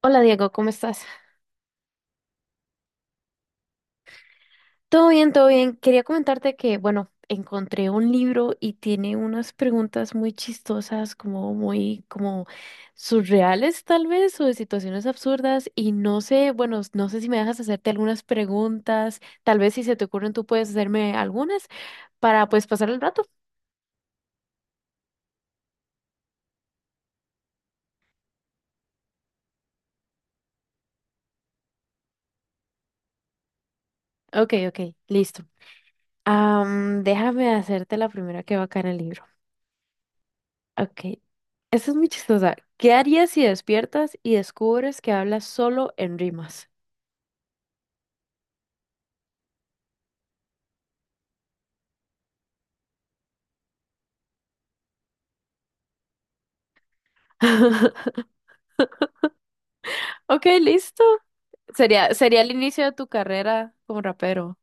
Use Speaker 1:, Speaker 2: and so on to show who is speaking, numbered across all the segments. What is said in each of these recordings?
Speaker 1: Hola Diego, ¿cómo estás? Todo bien, todo bien. Quería comentarte que, bueno, encontré un libro y tiene unas preguntas muy chistosas, como muy, como surreales tal vez, o de situaciones absurdas. Y no sé, bueno, no sé si me dejas hacerte algunas preguntas. Tal vez si se te ocurren, tú puedes hacerme algunas para pues pasar el rato. Ok, ok, listo. Déjame hacerte la primera que va acá en el libro. Ok, esta es muy chistosa. ¿Qué harías si despiertas y descubres que hablas solo en rimas? Ok, listo. Sería el inicio de tu carrera como rapero.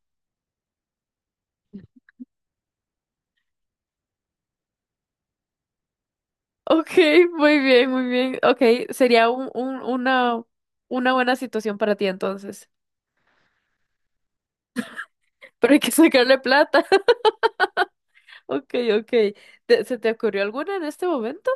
Speaker 1: Ok, muy bien, muy bien. Ok, sería una buena situación para ti entonces. Pero hay que sacarle plata. Ok, ok. ¿Te- ¿Se te ocurrió alguna en este momento?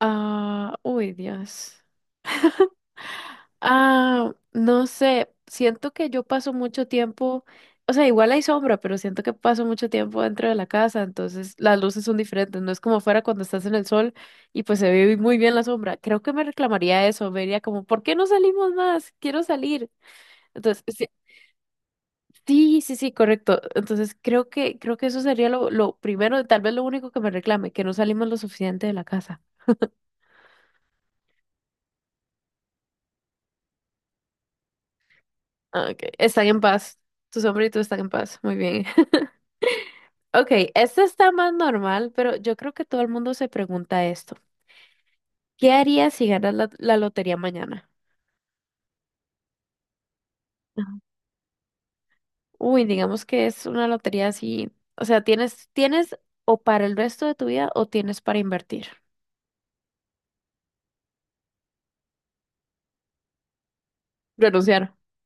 Speaker 1: Ah, uy, Dios. Ah, no sé, siento que yo paso mucho tiempo, o sea, igual hay sombra, pero siento que paso mucho tiempo dentro de la casa, entonces las luces son diferentes, no es como fuera cuando estás en el sol y pues se ve muy bien la sombra. Creo que me reclamaría eso, me diría como, ¿por qué no salimos más? Quiero salir. Entonces, sí, sí, sí, sí, correcto. Entonces, creo que eso sería lo primero, tal vez lo único que me reclame, que no salimos lo suficiente de la casa. Ah, ok, están en paz. Tu sombra y tú están en paz. Muy bien. Ok, este está más normal, pero yo creo que todo el mundo se pregunta esto. ¿Qué harías si ganas la lotería mañana? Ajá. Uy, digamos que es una lotería así, o sea, tienes o para el resto de tu vida o tienes para invertir. Renunciar.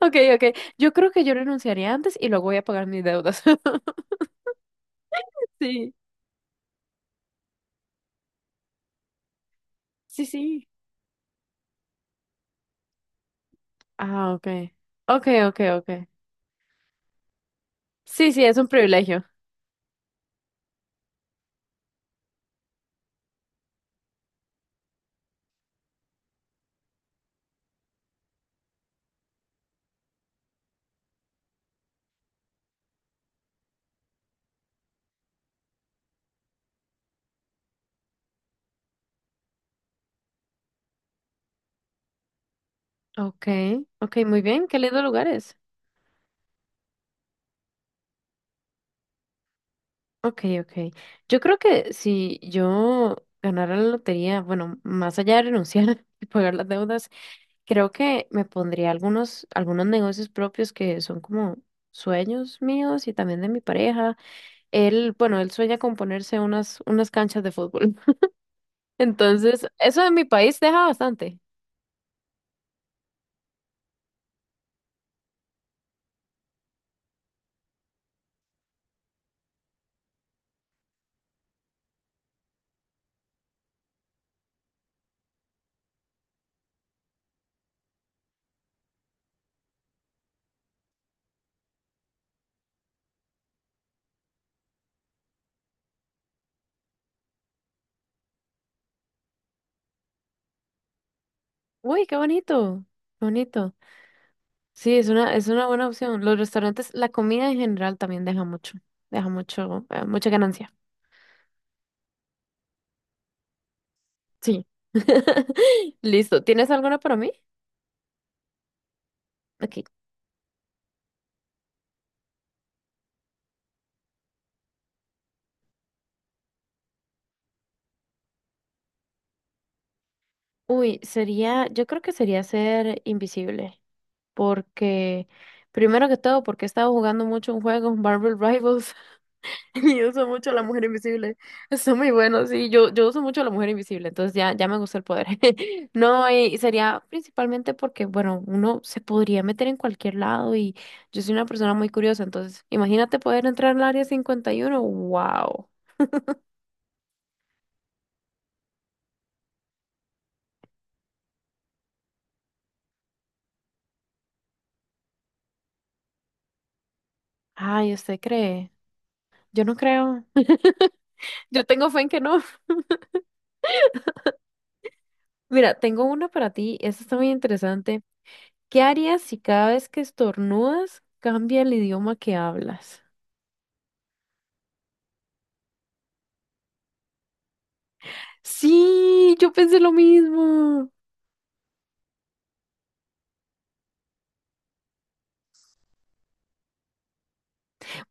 Speaker 1: Ok, ok. Yo creo que yo renunciaría antes y luego voy a pagar mis deudas. Sí, sí, sí. Ah, ok. Ok, ok, ok. Sí, sí, es un privilegio. Ok, ok, muy bien. Qué lindo lugares. Ok, ok. Yo creo que si yo ganara la lotería, bueno, más allá de renunciar y pagar las deudas, creo que me pondría algunos negocios propios que son como sueños míos y también de mi pareja. Él, bueno, él sueña con ponerse unas canchas de fútbol. Entonces, eso en mi país deja bastante. Uy, qué bonito, qué bonito. Sí, es una buena opción. Los restaurantes, la comida en general también mucha ganancia. Sí. Listo. ¿Tienes alguna para mí? Ok. Uy, sería, yo creo que sería ser invisible, porque primero que todo, porque he estado jugando mucho un juego, Marvel Rivals, y uso mucho a la mujer invisible. Está muy bueno, sí, yo uso mucho a la mujer invisible, entonces ya, ya me gusta el poder. No, y sería principalmente porque, bueno, uno se podría meter en cualquier lado y yo soy una persona muy curiosa, entonces imagínate poder entrar al área 51. Wow. Ay, ¿usted cree? Yo no creo. Yo tengo fe en que no. Mira, tengo una para ti. Esta está muy interesante. ¿Qué harías si cada vez que estornudas cambia el idioma que hablas? Sí, yo pensé lo mismo.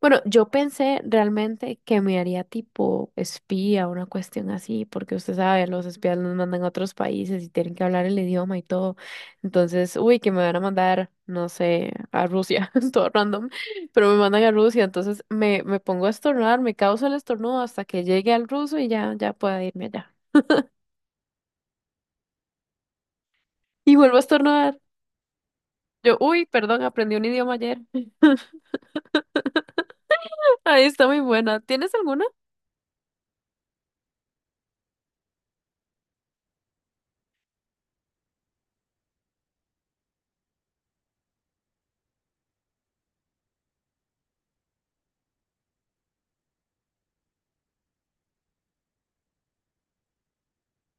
Speaker 1: Bueno, yo pensé realmente que me haría tipo espía, una cuestión así, porque usted sabe, los espías nos mandan a otros países y tienen que hablar el idioma y todo. Entonces, uy, que me van a mandar, no sé, a Rusia, todo random, pero me mandan a Rusia, entonces me pongo a estornudar, me causa el estornudo hasta que llegue al ruso y ya, ya pueda irme allá. Y vuelvo a estornudar. Yo, uy, perdón, aprendí un idioma ayer. Ahí está muy buena. ¿Tienes alguna?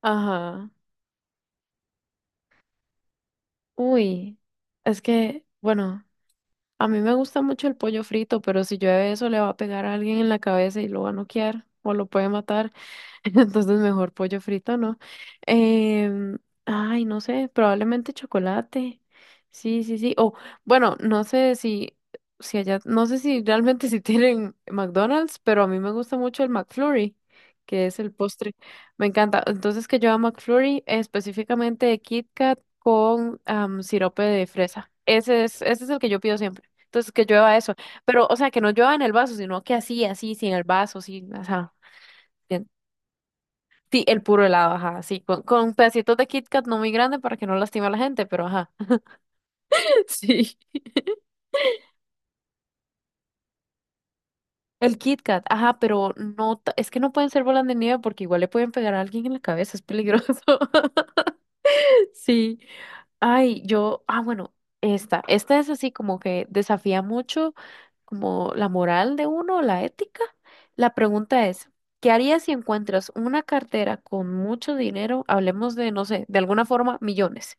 Speaker 1: Ajá. Uy, es que, bueno. A mí me gusta mucho el pollo frito, pero si llueve eso le va a pegar a alguien en la cabeza y lo va a noquear o lo puede matar. Entonces mejor pollo frito, ¿no? Em, Ay, no sé, probablemente chocolate. Sí, sí, sí. O bueno, no sé si, allá, no sé si realmente si tienen McDonald's, pero a mí me gusta mucho el McFlurry, que es el postre. Me encanta. Entonces que yo a McFlurry específicamente de Kit Kat con am, sirope de fresa. Ese es el que yo pido siempre. Entonces que llueva eso. Pero, o sea, que no llueva en el vaso, sino que así, así, sin el vaso, sin, ajá. Sí, el puro helado, ajá, sí, con pedacitos de Kit Kat no muy grande para que no lastime a la gente, pero ajá. Sí. El Kit Kat, ajá, pero no, ta- es que no pueden ser bolas de nieve porque igual le pueden pegar a alguien en la cabeza, es peligroso. Sí. Ay, yo, ah, bueno, esta es así como que desafía mucho como la moral de uno, la ética. La pregunta es, ¿qué harías si encuentras una cartera con mucho dinero? Hablemos de, no sé, de alguna forma, millones.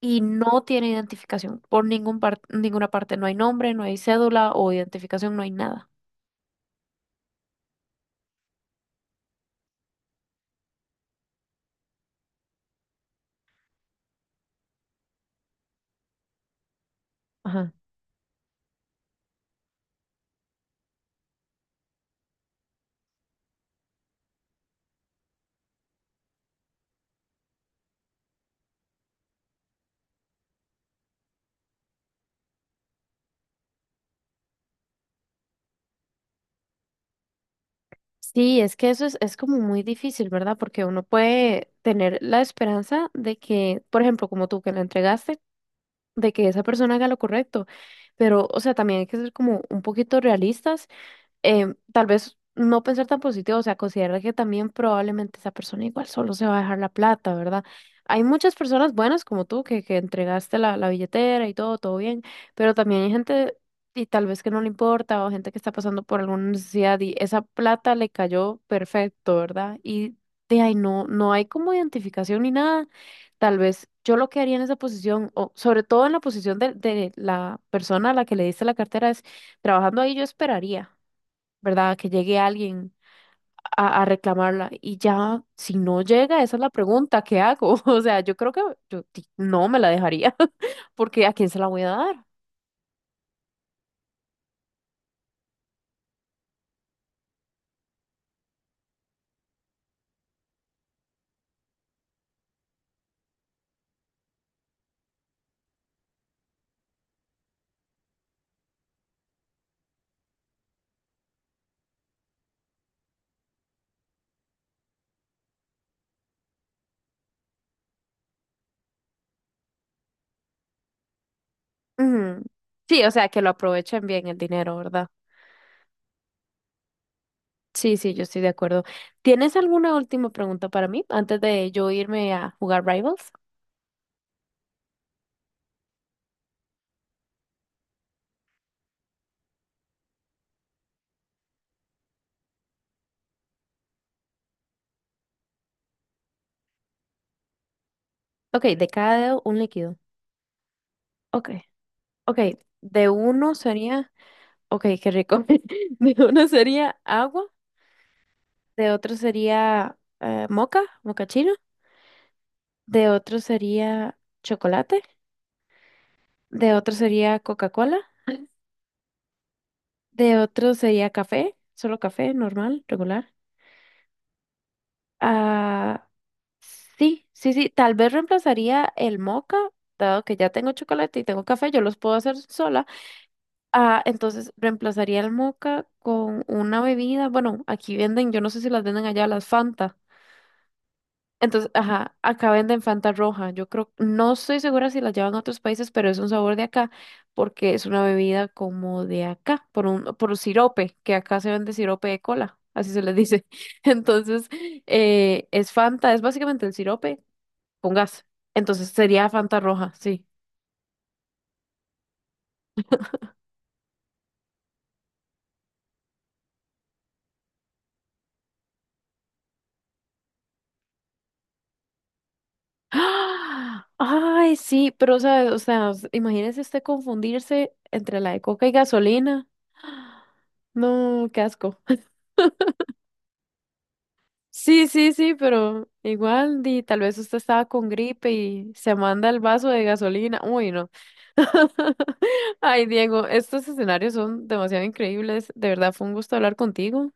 Speaker 1: Y no tiene identificación por ningún par- ninguna parte. No hay nombre, no hay cédula o identificación, no hay nada. Ajá. Sí, es que eso es como muy difícil, ¿verdad? Porque uno puede tener la esperanza de que, por ejemplo, como tú que la entregaste, de que esa persona haga lo correcto. Pero, o sea, también hay que ser como un poquito realistas tal vez no pensar tan positivo, o sea, considerar que también probablemente esa persona igual solo se va a dejar la plata, ¿verdad? Hay muchas personas buenas como tú que entregaste la billetera y todo, todo bien, pero también hay gente y tal vez que no le importa o gente que está pasando por alguna necesidad y esa plata le cayó perfecto, ¿verdad? Y de ahí no, no hay como identificación ni nada. Tal vez yo lo que haría en esa posición, o sobre todo en la posición de la persona a la que le diste la cartera, es trabajando ahí yo esperaría. ¿Verdad? Que llegue alguien a reclamarla. Y ya, si no llega, esa es la pregunta, ¿qué hago? O sea, yo creo que yo di- no me la dejaría, porque ¿a quién se la voy a dar? Ujú. Sí, o sea, que lo aprovechen bien el dinero, ¿verdad? Sí, sí, yo estoy de acuerdo. ¿Tienes alguna última pregunta para mí antes de yo irme a jugar Rivals? Ok, de cada dedo un líquido. Ok, ok, de uno sería, ok, qué rico. De uno sería agua, de otro sería moca chino. De otro sería chocolate, de otro sería Coca-Cola, de otro sería café, solo café normal, regular. Ah, sí, sí, sí, tal vez reemplazaría el moca, dado que ya tengo chocolate y tengo café, yo los puedo hacer sola. Ah, entonces reemplazaría el moca con una bebida, bueno, aquí venden, yo no sé si las venden allá, las Fanta. Entonces, ajá, acá venden Fanta roja. Yo creo, no estoy segura si la llevan a otros países, pero es un sabor de acá, porque es una bebida como de acá, por un sirope, que acá se vende sirope de cola, así se les dice. Entonces, es Fanta, es básicamente el sirope con gas. Entonces sería Fanta roja, sí. ¡Ah! Ay, sí, pero sabes, o sea, s- imagínese usted confundirse entre la de coca y gasolina. No, qué asco. Sí, sí, sí, pero igual, di, tal vez usted estaba con gripe y se manda el vaso de gasolina. Uy, no. Ay, Diego, estos escenarios son demasiado increíbles. De verdad, fue un gusto hablar contigo.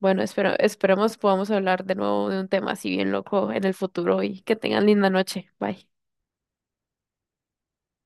Speaker 1: Bueno, espero, esperemos podamos hablar de nuevo de un tema así bien loco en el futuro y que tengan linda noche. Bye.